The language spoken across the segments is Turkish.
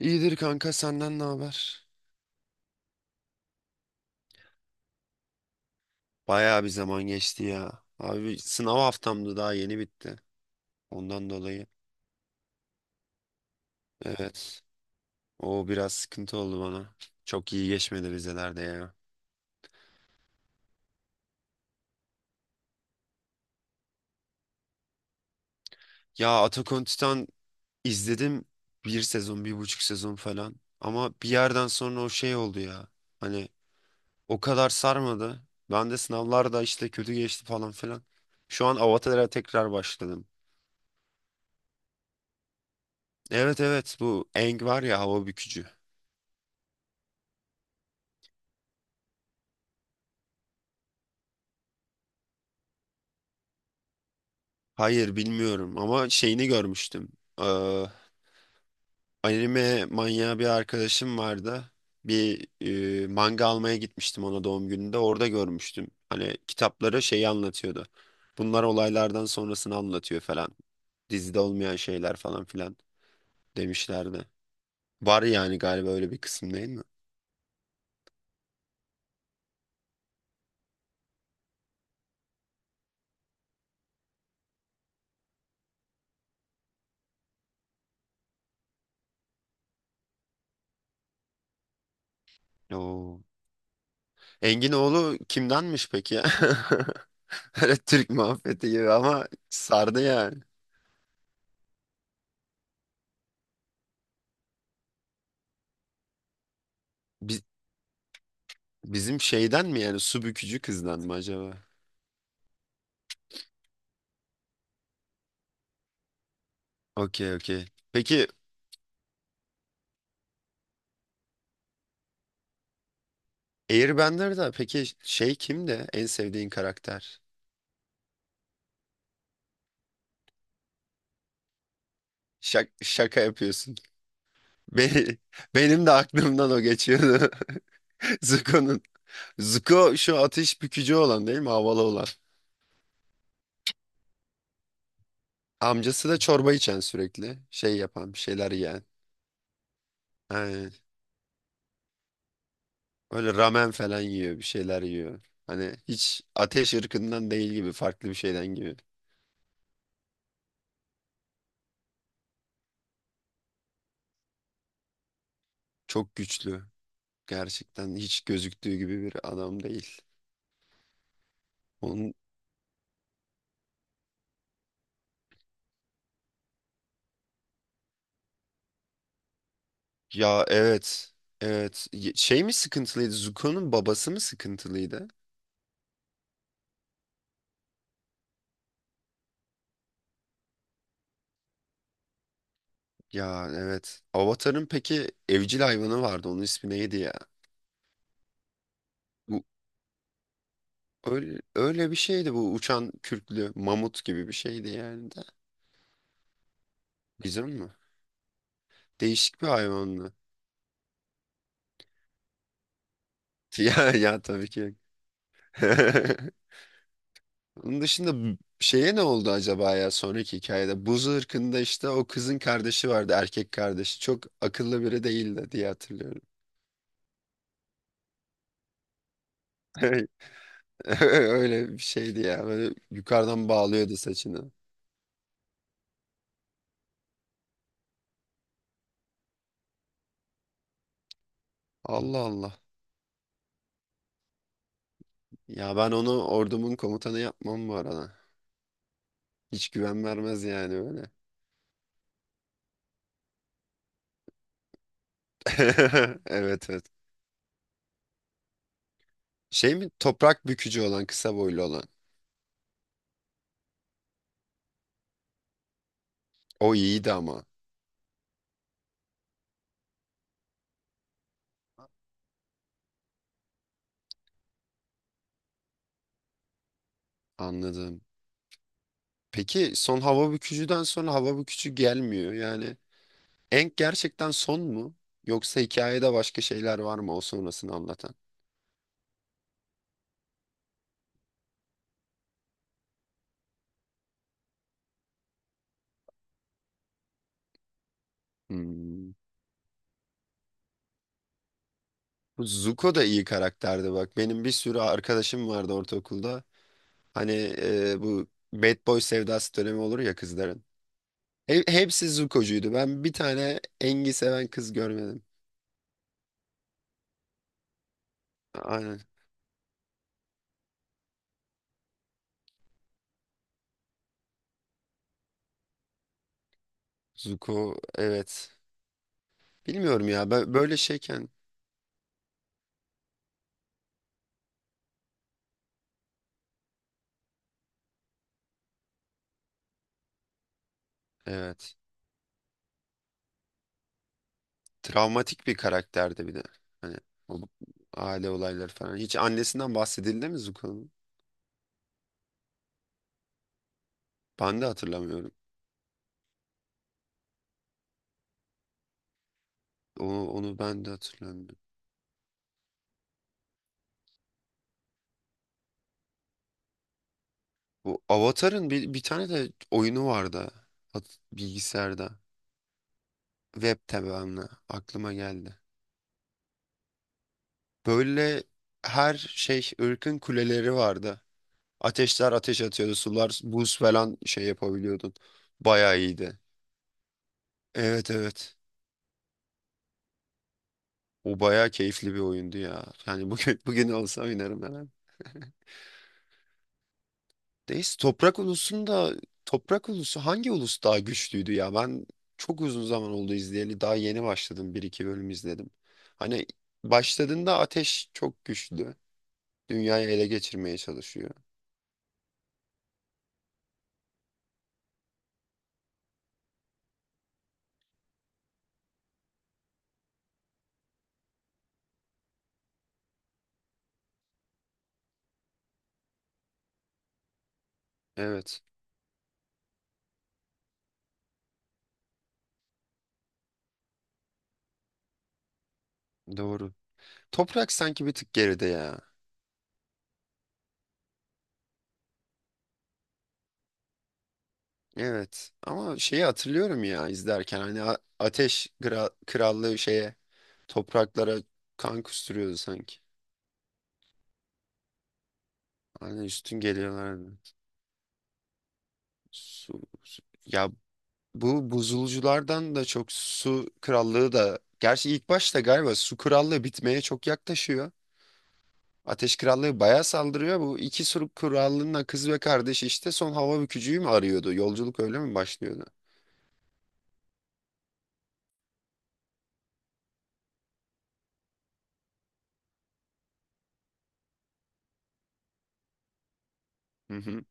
İyidir kanka senden ne haber? Bayağı bir zaman geçti ya. Abi sınav haftamdı daha yeni bitti. Ondan dolayı. Evet. O biraz sıkıntı oldu bana. Çok iyi geçmedi vizelerde ya. Ya Attack on Titan izledim bir sezon, bir buçuk sezon falan. Ama bir yerden sonra o şey oldu ya. Hani o kadar sarmadı. Ben de sınavlarda işte kötü geçti falan filan. Şu an Avatar'a tekrar başladım. Evet evet, bu Aang var ya, hava bükücü. Hayır bilmiyorum ama şeyini görmüştüm. Ee, Anime manyağı bir arkadaşım vardı. Bir manga almaya gitmiştim ona doğum gününde. Orada görmüştüm. Hani kitapları şeyi anlatıyordu. Bunlar olaylardan sonrasını anlatıyor falan. Dizide olmayan şeyler falan filan demişlerdi. Var yani galiba öyle bir kısım, değil mi? Oo. Enginoğlu kimdenmiş peki ya? Öyle Türk muhabbeti gibi ama sardı yani. Biz, Bizim şeyden mi yani, su bükücü kızdan mı acaba? Okey okey. Peki Airbender'da peki şey kimdi? En sevdiğin karakter? Şaka yapıyorsun. Be- Benim de aklımdan o geçiyordu. Zuko'nun. Zuko şu ateş bükücü olan, değil mi? Havalı olan. Amcası da çorba içen sürekli. Şey yapan, bir şeyler yiyen. Aynen. Öyle ramen falan yiyor, bir şeyler yiyor. Hani hiç ateş ırkından değil gibi, farklı bir şeyden gibi. Çok güçlü. Gerçekten hiç gözüktüğü gibi bir adam değil. Onun ya evet. Evet. Şey mi sıkıntılıydı? Zuko'nun babası mı sıkıntılıydı? Ya evet. Avatar'ın peki evcil hayvanı vardı. Onun ismi neydi ya? Bu öyle, öyle bir şeydi, bu uçan kürklü mamut gibi bir şeydi yani de. Bizim mi? Değişik bir hayvandı. Ya ya tabii ki. Onun dışında şeye ne oldu acaba ya sonraki hikayede? Buz ırkında işte o kızın kardeşi vardı, erkek kardeşi. Çok akıllı biri değildi diye hatırlıyorum. Öyle bir şeydi ya. Böyle yukarıdan bağlıyordu saçını. Allah Allah. Ya ben onu ordumun komutanı yapmam bu arada. Hiç güven vermez yani öyle. Evet evet. Şey mi? Toprak bükücü olan, kısa boylu olan. O iyiydi ama. Anladım. Peki son hava bükücüden sonra hava bükücü gelmiyor. Yani Enk gerçekten son mu? Yoksa hikayede başka şeyler var mı o sonrasını anlatan? Hmm. Bu Zuko da iyi karakterdi bak. Benim bir sürü arkadaşım vardı ortaokulda. Hani bu bad boy sevdası dönemi olur ya kızların. Hepsi Zuko'cuydu. Ben bir tane Engi seven kız görmedim. Aynen. Zuko evet. Bilmiyorum ya. Böyle şeyken evet. Travmatik bir karakterdi bir de. Hani o aile olayları falan. Hiç annesinden bahsedildi mi Zuko'nun? Ben de hatırlamıyorum. Onu ben de hatırlamıyorum. Bu Avatar'ın bir tane de oyunu vardı. Bilgisayarda. Web tabanlı. Aklıma geldi. Böyle her şey ırkın kuleleri vardı. Ateşler ateş atıyordu. Sular buz falan şey yapabiliyordun. Bayağı iyiydi. Evet evet. O bayağı keyifli bir oyundu ya. Yani bugün bugün olsa oynarım herhalde. Deist toprak ulusunda toprak ulusu hangi ulus daha güçlüydü ya? Ben çok uzun zaman oldu izleyeli. Daha yeni başladım. Bir iki bölüm izledim. Hani başladığında ateş çok güçlü. Dünyayı ele geçirmeye çalışıyor. Evet, doğru. Toprak sanki bir tık geride ya. Evet ama şeyi hatırlıyorum ya izlerken hani ateş krallığı şeye, topraklara kan kusturuyordu sanki. Hani üstün geliyorlardı. Ya, bu buzulculardan da çok su krallığı da gerçi ilk başta galiba su krallığı bitmeye çok yaklaşıyor. Ateş krallığı bayağı saldırıyor. Bu iki su krallığının kız ve kardeşi işte son hava bükücüyü mü arıyordu? Yolculuk öyle mi başlıyordu? Hı hı.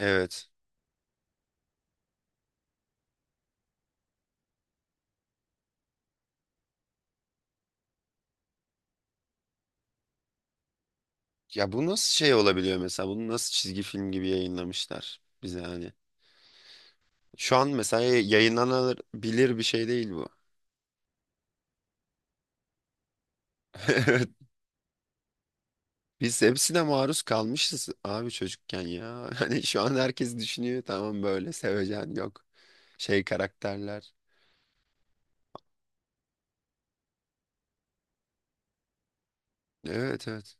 Evet. Ya bu nasıl şey olabiliyor mesela? Bunu nasıl çizgi film gibi yayınlamışlar bize hani? Şu an mesela yayınlanabilir bir şey değil bu. Biz hepsine maruz kalmışız abi çocukken ya. Hani şu an herkes düşünüyor tamam böyle sevecen, yok. Şey karakterler. Evet evet.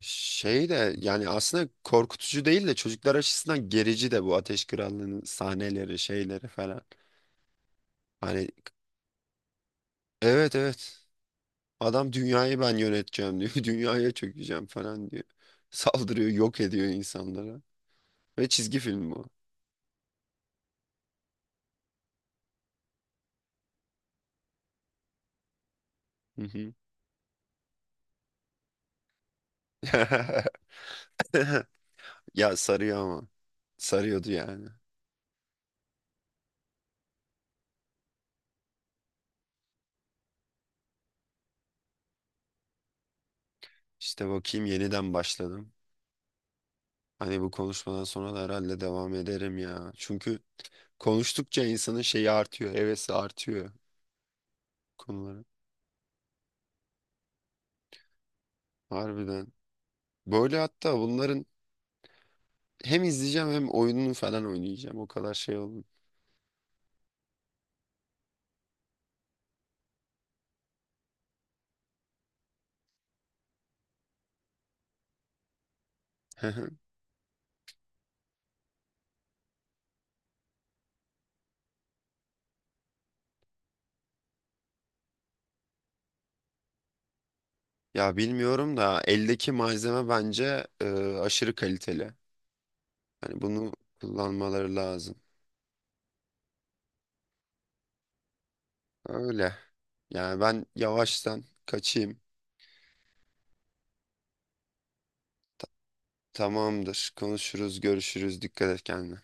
Şey de yani aslında korkutucu değil de çocuklar açısından gerici de bu Ateş Krallığı'nın sahneleri şeyleri falan. Hani evet evet, adam dünyayı ben yöneteceğim diyor. Dünyaya çökeceğim falan diyor. Saldırıyor, yok ediyor insanlara. Ve çizgi film bu. Hı hı. Ya sarıyor ama. Sarıyordu yani. İşte bakayım yeniden başladım. Hani bu konuşmadan sonra da herhalde devam ederim ya. Çünkü konuştukça insanın şeyi artıyor, hevesi artıyor konuları. Harbiden. Böyle hatta bunların hem izleyeceğim hem oyununu falan oynayacağım. O kadar şey oldu. Ya bilmiyorum da eldeki malzeme bence aşırı kaliteli. Hani bunu kullanmaları lazım. Öyle. Yani ben yavaştan kaçayım. Tamamdır. Konuşuruz, görüşürüz. Dikkat et kendine.